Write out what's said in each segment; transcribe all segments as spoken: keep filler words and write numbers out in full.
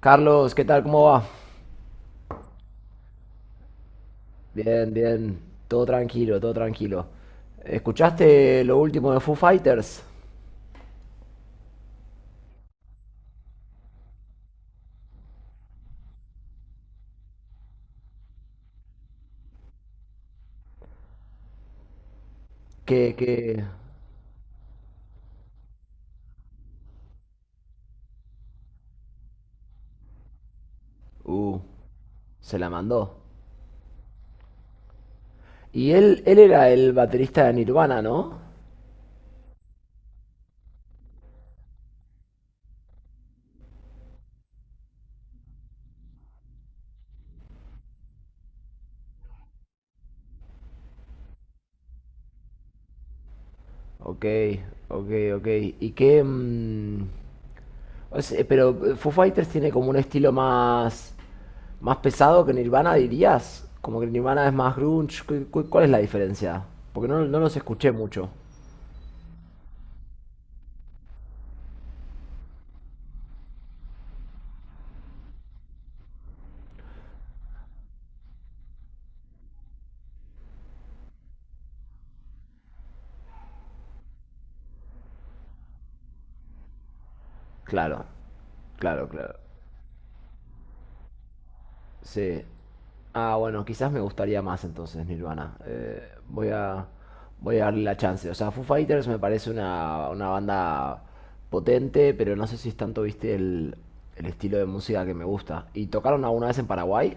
Carlos, ¿qué tal? ¿Cómo va? Bien, bien. Todo tranquilo, todo tranquilo. ¿Escuchaste lo último de Foo Fighters? Que, que... Uh, Se la mandó. Y él, él era el baterista de Nirvana, ¿no? Ok, ok, ok. ¿Y qué... mm, o sea, pero eh, Foo Fighters tiene como un estilo más... Más pesado que Nirvana, dirías. Como que Nirvana es más grunge. ¿Cu- cu- ¿Cuál es la diferencia? Porque no, no los escuché mucho. Claro, claro, claro. Sí. Ah, bueno, quizás me gustaría más entonces Nirvana. Eh, voy a, voy a darle la chance. O sea, Foo Fighters me parece una, una banda potente, pero no sé si es tanto, viste, el, el estilo de música que me gusta. ¿Y tocaron alguna vez en Paraguay?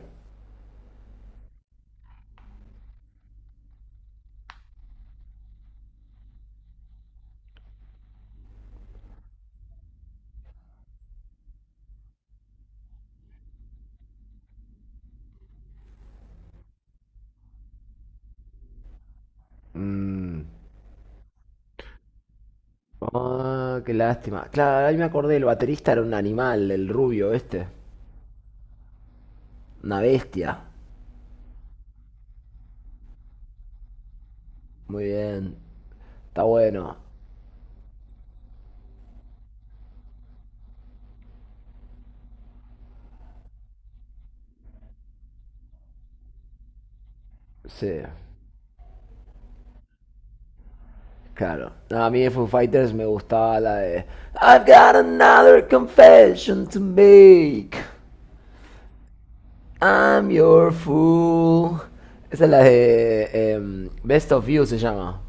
Mm. Ah, qué lástima. Claro, ahí me acordé, el baterista era un animal, el rubio este. Una bestia. Muy bien. Está bueno. Sí. Claro. No, a mí de Foo Fighters me gustaba la de "I've got another confession to make. I'm your fool." Esa es la de em, Best of You se llama.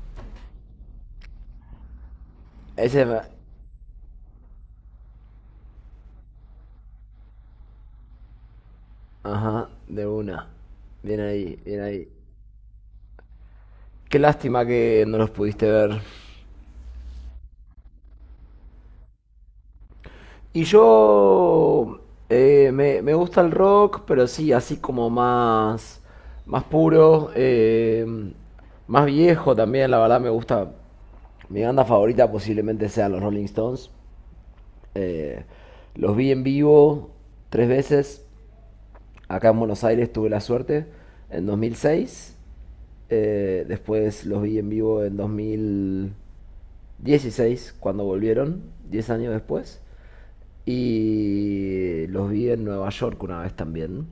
Ese me- Ajá, de una. Bien ahí, bien ahí. Qué lástima que no los pudiste ver. Y yo eh, me, me gusta el rock, pero sí, así como más, más puro, eh, más viejo también, la verdad me gusta. Mi banda favorita posiblemente sean los Rolling Stones. Eh, los vi en vivo tres veces. Acá en Buenos Aires tuve la suerte en dos mil seis. Eh, después los vi en vivo en dos mil dieciséis cuando volvieron, diez años después. Y los vi en Nueva York una vez también.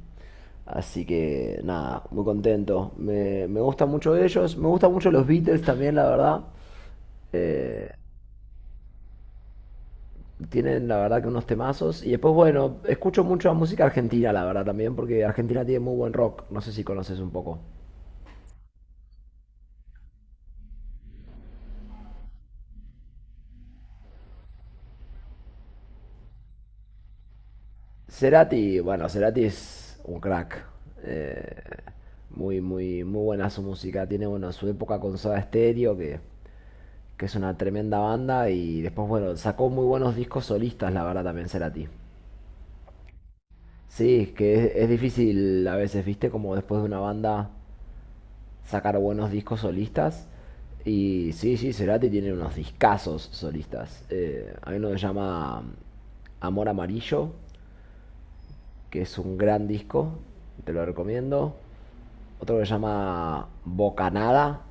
Así que nada, muy contento. Me, me gusta mucho ellos. Me gustan mucho los Beatles también, la verdad. Eh, Tienen la verdad que unos temazos. Y después, bueno, escucho mucho la música argentina, la verdad también, porque Argentina tiene muy buen rock. No sé si conoces un poco. Cerati, bueno, Cerati es un crack. Eh, muy, muy, muy buena su música. Tiene, bueno, su época con Soda Stereo, que, que es una tremenda banda. Y después, bueno, sacó muy buenos discos solistas, la verdad también, Cerati. Sí, es que es, es difícil a veces, viste, como después de una banda sacar buenos discos solistas. Y sí, sí, Cerati tiene unos discazos solistas. Eh, hay uno que se llama mm, Amor Amarillo, que es un gran disco, te lo recomiendo. Otro que se llama Bocanada.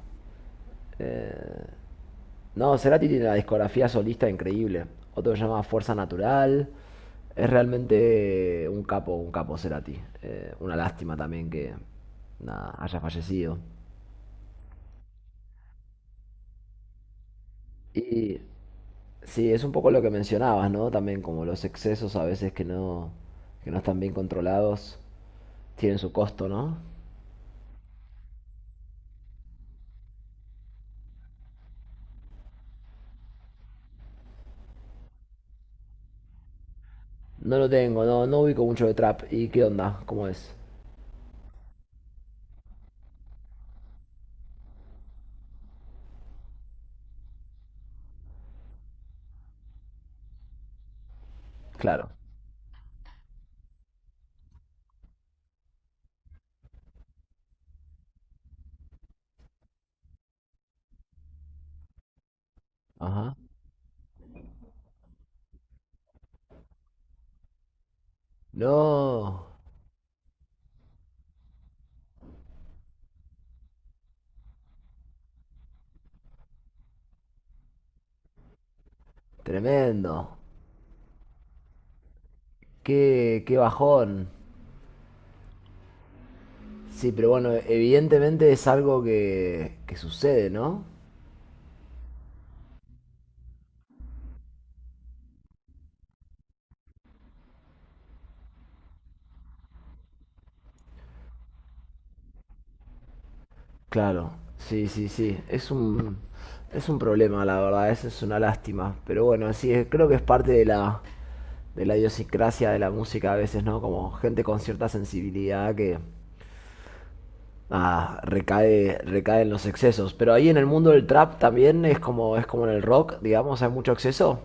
No, Cerati tiene la discografía solista increíble. Otro que se llama Fuerza Natural. Es realmente un capo, un capo Cerati. Eh, una lástima también que nada, haya fallecido. Y sí, es un poco lo que mencionabas, ¿no? También como los excesos a veces que no, que no están bien controlados, tienen su costo, ¿no? No lo tengo, no, no ubico mucho de trap. ¿Y qué onda? ¿Cómo es? Claro. Ajá. No, tremendo. Qué, qué bajón. Sí, pero bueno, evidentemente es algo que, que sucede, ¿no? Claro. Sí, sí, sí. Es un, es un problema, la verdad. Es, es una lástima. Pero bueno, sí, es- creo que es parte de la, de la idiosincrasia de la música a veces, ¿no? Como gente con cierta sensibilidad que ah, recae, recae en los excesos. Pero ahí en el mundo del trap también es como, es como en el rock, digamos, hay mucho exceso.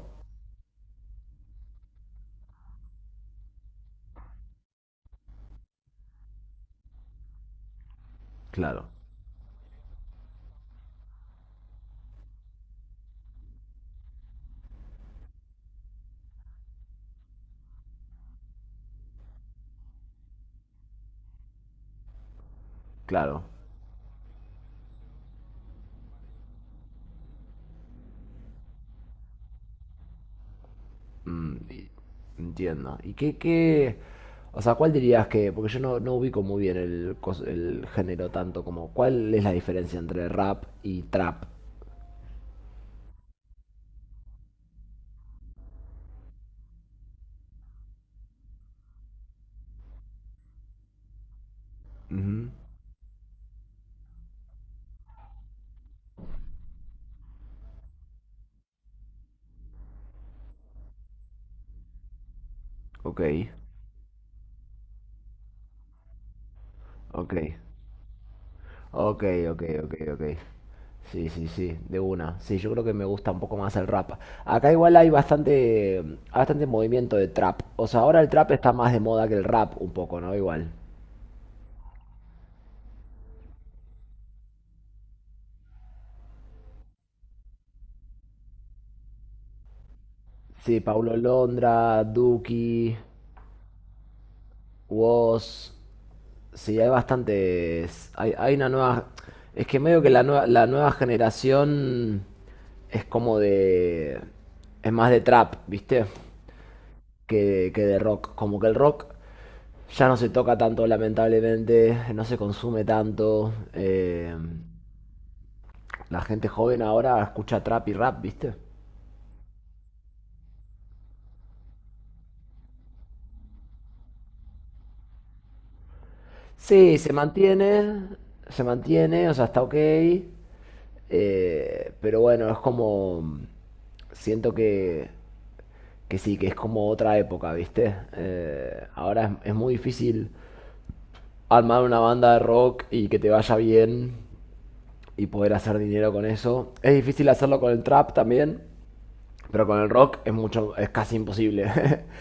Claro, claro, entiendo. ¿Y qué, qué, o sea, cuál dirías que, porque yo no, no ubico muy bien el, cos- el género tanto como, ¿cuál es la diferencia entre rap y trap? Ujú. Ok, ok. Ok, ok, ok, ok. Sí, sí, sí, de una. Sí, yo creo que me gusta un poco más el rap. Acá igual hay bastante, bastante movimiento de trap. O sea, ahora el trap está más de moda que el rap un poco, ¿no? Igual. Sí, Paulo Londra, Duki, Woz. Sí, hay bastantes. Hay, hay una nueva. Es que medio que la nueva, la nueva generación es como de. Es más de trap, ¿viste? Que, que de rock. Como que el rock. Ya no se toca tanto, lamentablemente, no se consume tanto. eh, la gente joven ahora escucha trap y rap, ¿viste? Sí, se mantiene, se mantiene, o sea, está ok. eh, pero bueno, es como... Siento que, que sí, que es como otra época, ¿viste? Eh, ahora es, es muy difícil armar una banda de rock y que te vaya bien y poder hacer dinero con eso. Es difícil hacerlo con el trap también. Pero con el rock es mucho, es casi imposible.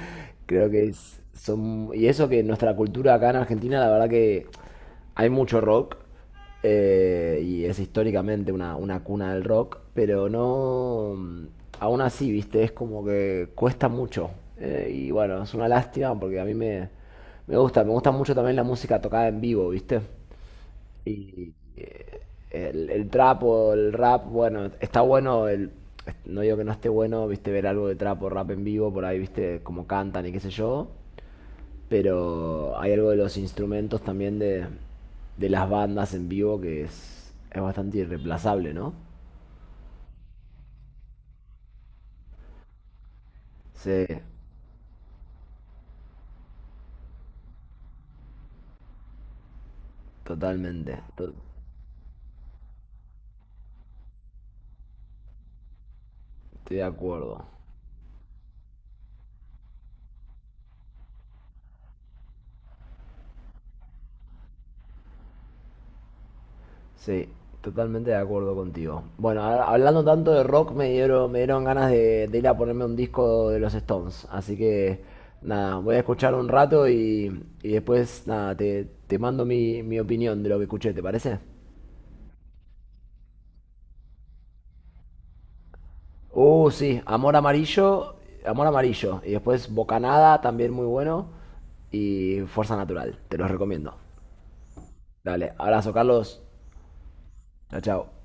Creo que es, son, y eso que nuestra cultura acá en Argentina, la verdad que hay mucho rock, eh, y es históricamente una, una cuna del rock, pero no, aún así, viste, es como que cuesta mucho. Eh, y bueno, es una lástima porque a mí me, me gusta, me gusta mucho también la música tocada en vivo, viste. Y eh, el, el trap o el rap, bueno, está bueno, el, no digo que no esté bueno, viste, ver algo de trap o rap en vivo, por ahí, viste, cómo cantan y qué sé yo, pero hay algo de los instrumentos también de, de las bandas en vivo que es, es bastante irreemplazable, ¿no? Sí, totalmente, to- estoy de acuerdo. Sí, totalmente de acuerdo contigo. Bueno, a- hablando tanto de rock, me dieron, me dieron ganas de, de ir a ponerme un disco de los Stones. Así que, nada, voy a escuchar un rato y, y después, nada, te, te mando mi, mi opinión de lo que escuché, ¿te parece? Uh, sí, Amor Amarillo, Amor Amarillo. Y después Bocanada, también muy bueno. Y Fuerza Natural, te los recomiendo. Dale, abrazo, Carlos. Chao, chao.